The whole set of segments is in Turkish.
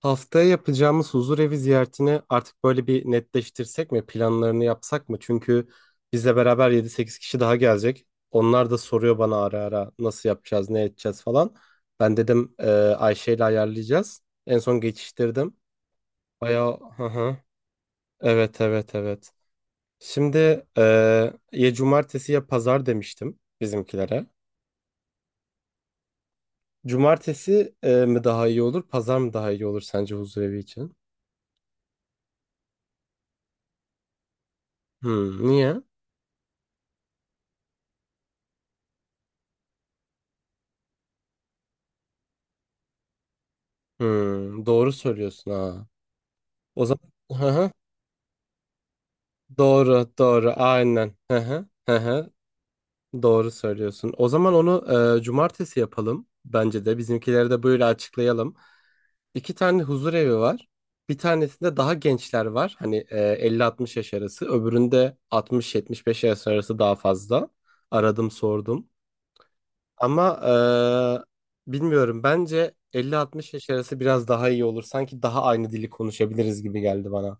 Haftaya yapacağımız huzurevi ziyaretini artık böyle bir netleştirsek mi? Planlarını yapsak mı? Çünkü bizle beraber yedi sekiz kişi daha gelecek. Onlar da soruyor bana ara ara nasıl yapacağız, ne edeceğiz falan. Ben dedim Ayşe ile ayarlayacağız. En son geçiştirdim. Bayağı hı hı. Evet evet evet. Şimdi e, ya cumartesi ya pazar demiştim bizimkilere. Cumartesi mi daha iyi olur, pazar mı daha iyi olur sence huzurevi için? Hmm, niye? Hmm, doğru söylüyorsun ha. O zaman hı hı, doğru doğru aynen. Hı hı, hı hı, doğru söylüyorsun. O zaman onu cumartesi yapalım bence de. Bizimkileri de böyle açıklayalım. İki tane huzur evi var. Bir tanesinde daha gençler var. Hani 50-60 yaş arası. Öbüründe 60-75 yaş arası daha fazla. Aradım sordum. Ama bilmiyorum, bence elli 60 yaş arası biraz daha iyi olur. Sanki daha aynı dili konuşabiliriz gibi geldi bana.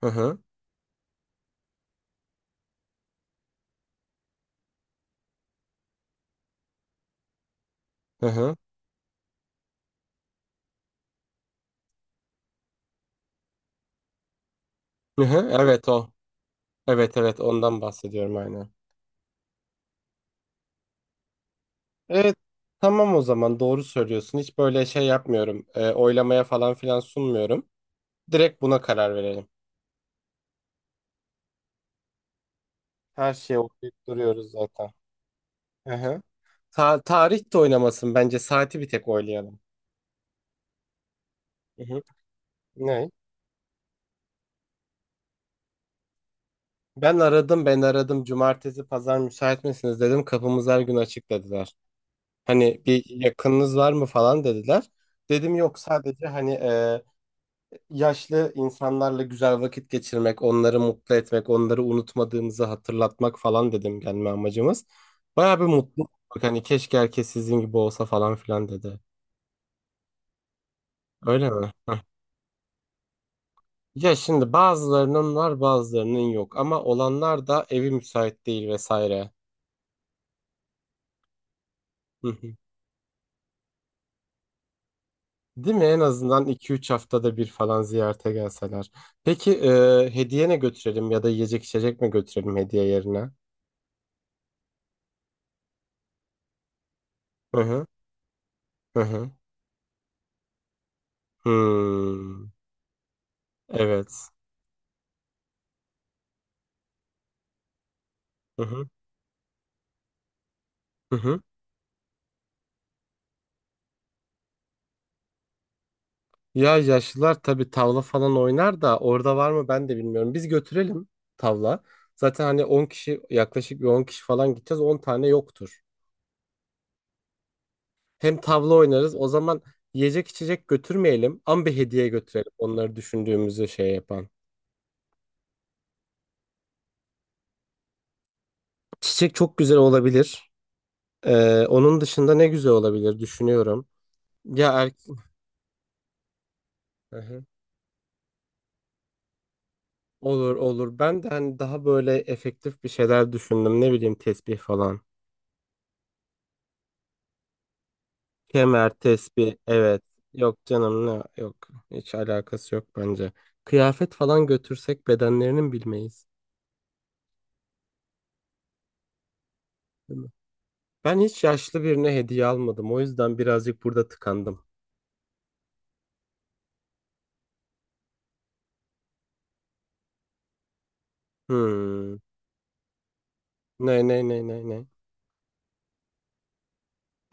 Hı hı. Hı hı. Hı hı. Evet, o. Evet evet, ondan bahsediyorum aynen. Evet. Tamam, o zaman doğru söylüyorsun. Hiç böyle şey yapmıyorum. Oylamaya falan filan sunmuyorum. Direkt buna karar verelim. Her şeye okuyup duruyoruz zaten. Hı hı. Tarih de oynamasın bence. Saati bir tek oylayalım. Hı hı. Ne? Ben aradım. Cumartesi pazar müsait misiniz dedim. Kapımız her gün açık dediler. Hani bir yakınınız var mı falan dediler. Dedim yok, sadece hani yaşlı insanlarla güzel vakit geçirmek, onları mutlu etmek, onları unutmadığımızı hatırlatmak falan dedim gelme amacımız. Bayağı bir mutlu olduk. Hani keşke herkes sizin gibi olsa falan filan dedi. Öyle mi? Heh. Ya şimdi bazılarının var bazılarının yok ama olanlar da evi müsait değil vesaire. Hı hı. Değil mi? En azından iki üç haftada bir falan ziyarete gelseler. Peki hediye ne götürelim, ya da yiyecek içecek mi götürelim hediye yerine? Hı hı. Hı hı. Hmm. Evet. Hı hı. Hı hı. Ya yaşlılar tabii tavla falan oynar da orada var mı ben de bilmiyorum. Biz götürelim tavla. Zaten hani 10 kişi, yaklaşık bir 10 kişi falan gideceğiz. On tane yoktur. Hem tavla oynarız. O zaman yiyecek içecek götürmeyelim ama bir hediye götürelim. Onları düşündüğümüzü şey yapan. Çiçek çok güzel olabilir. Onun dışında ne güzel olabilir düşünüyorum. Ya erk Hı hı. Olur olur. Ben de hani daha böyle efektif bir şeyler düşündüm. Ne bileyim, tesbih falan. Kemer, tespih, evet. Yok canım, ne yok. Hiç alakası yok bence. Kıyafet falan götürsek bedenlerinin bilmeyiz. Değil mi? Ben hiç yaşlı birine hediye almadım. O yüzden birazcık burada tıkandım. Hmm. Ne ne ne ne ne.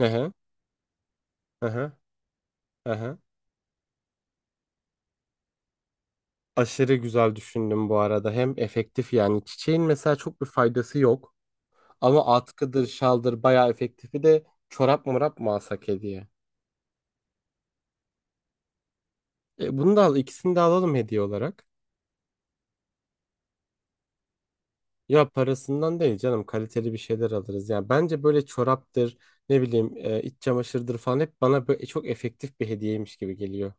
Aha, aha, aha. Aşırı güzel düşündüm bu arada. Hem efektif yani. Çiçeğin mesela çok bir faydası yok. Ama atkıdır, şaldır bayağı efektifi de çorap mı alsak hediye? Bunu da al, ikisini de alalım hediye olarak. Ya parasından değil canım, kaliteli bir şeyler alırız. Yani bence böyle çoraptır, ne bileyim, iç çamaşırdır falan hep bana böyle çok efektif bir hediyeymiş gibi geliyor.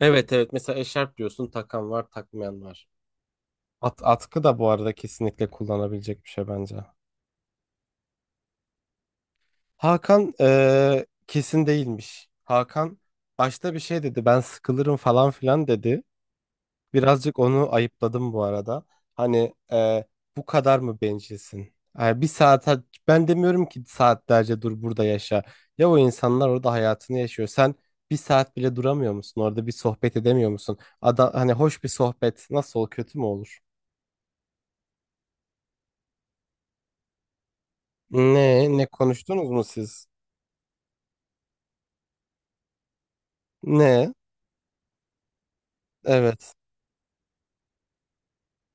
Evet evet, mesela eşarp diyorsun, takan var takmayan var. Atkı da bu arada kesinlikle kullanabilecek bir şey bence. Hakan kesin değilmiş. Hakan başta bir şey dedi, ben sıkılırım falan filan dedi. Birazcık onu ayıpladım bu arada. Hani bu kadar mı bencilsin? Bir saat, ben demiyorum ki saatlerce dur burada yaşa. Ya o insanlar orada hayatını yaşıyor. Sen bir saat bile duramıyor musun? Orada bir sohbet edemiyor musun? Ada, hani hoş bir sohbet nasıl olur, kötü mü olur? Ne ne konuştunuz mu siz? Ne? Evet.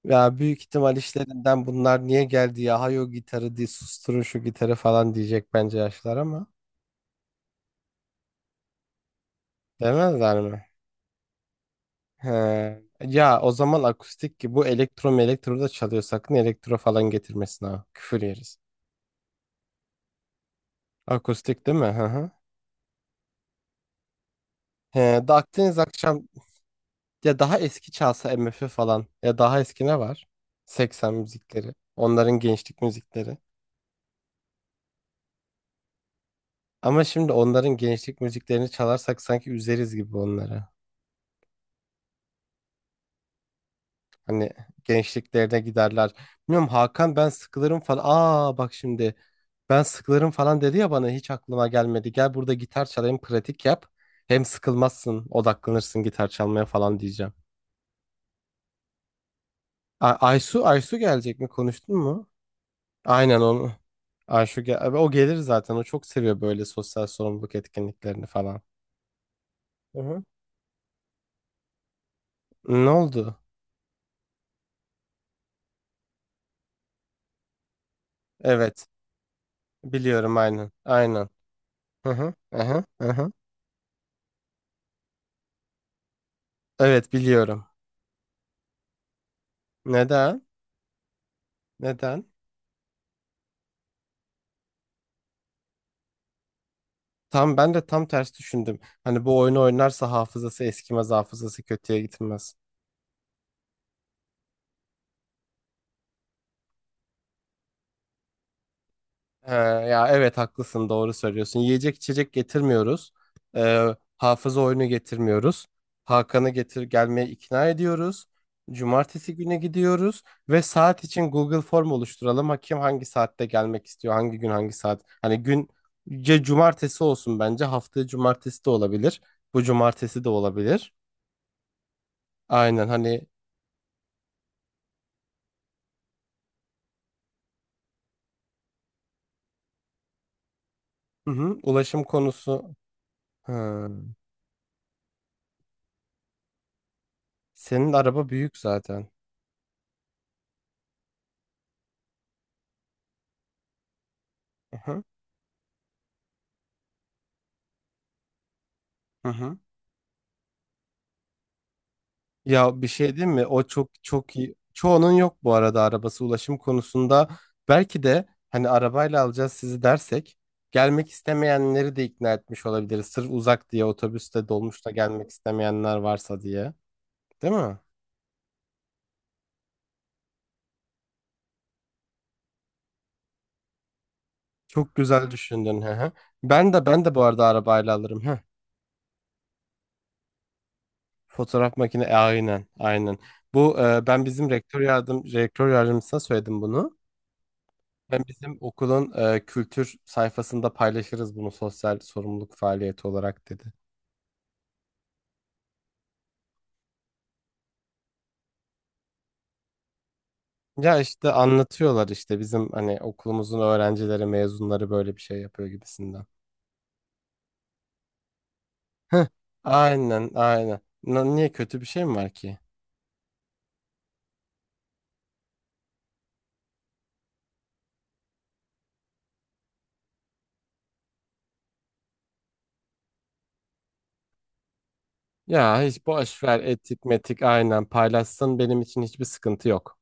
Ya büyük ihtimal işlerinden bunlar niye geldi ya? Hayo gitarı diye susturun şu gitarı falan diyecek bence yaşlar ama. Demezler mi? He. Ya o zaman akustik, ki bu elektro mu, elektro da çalıyor. Sakın elektro falan getirmesin ha. Küfür yeriz. Akustik değil mi? Hı hı. He, da Akdeniz akşam, ya daha eski çalsa M MF falan, ya daha eski ne var? Seksen müzikleri. Onların gençlik müzikleri. Ama şimdi onların gençlik müziklerini çalarsak sanki üzeriz gibi onları. Hani gençliklerine giderler. Bilmiyorum, Hakan ben sıkılırım falan. Aa bak şimdi, ben sıkılırım falan dedi ya, bana hiç aklıma gelmedi. Gel burada gitar çalayım, pratik yap. Hem sıkılmazsın, odaklanırsın gitar çalmaya falan diyeceğim. Aysu gelecek mi, konuştun mu? Aynen onu. Ayşu gel abi, o gelir zaten, o çok seviyor böyle sosyal sorumluluk etkinliklerini falan. Hı hı. Ne oldu? Evet biliyorum aynen aynen. Hı hı hı hı. Hı hı. Evet, biliyorum. Neden? Neden? Tam ben de tam ters düşündüm. Hani bu oyunu oynarsa hafızası eskimez, hafızası kötüye gitmez. He, ya evet haklısın, doğru söylüyorsun. Yiyecek içecek getirmiyoruz. Ee, hafıza oyunu getirmiyoruz. Hakan'ı getir, gelmeye ikna ediyoruz. Cumartesi günü gidiyoruz ve saat için Google Form oluşturalım. Hakim hangi saatte gelmek istiyor, hangi gün hangi saat. Hani günce cumartesi olsun bence. Haftaya cumartesi de olabilir. Bu cumartesi de olabilir. Aynen hani. Hı hı. Ulaşım konusu. Ha. Senin araba büyük zaten. Aha, aha. Ya bir şey değil mi? O çok çok iyi. Çoğunun yok bu arada arabası, ulaşım konusunda. Belki de hani arabayla alacağız sizi dersek gelmek istemeyenleri de ikna etmiş olabiliriz. Sırf uzak diye otobüste dolmuşta gelmek istemeyenler varsa diye. Değil mi? Çok güzel düşündün. Hı hı. Ben de bu arada arabayla alırım. Hı. Fotoğraf makine aynen aynen. Bu ben bizim rektör yardımcısına söyledim bunu. Ben bizim okulun kültür sayfasında paylaşırız bunu sosyal sorumluluk faaliyeti olarak dedi. Ya işte anlatıyorlar işte bizim hani okulumuzun öğrencileri, mezunları böyle bir şey yapıyor gibisinden. Heh, aynen aynen. Niye kötü bir şey mi var ki? Ya hiç boş ver etik metik, aynen paylaşsın, benim için hiçbir sıkıntı yok.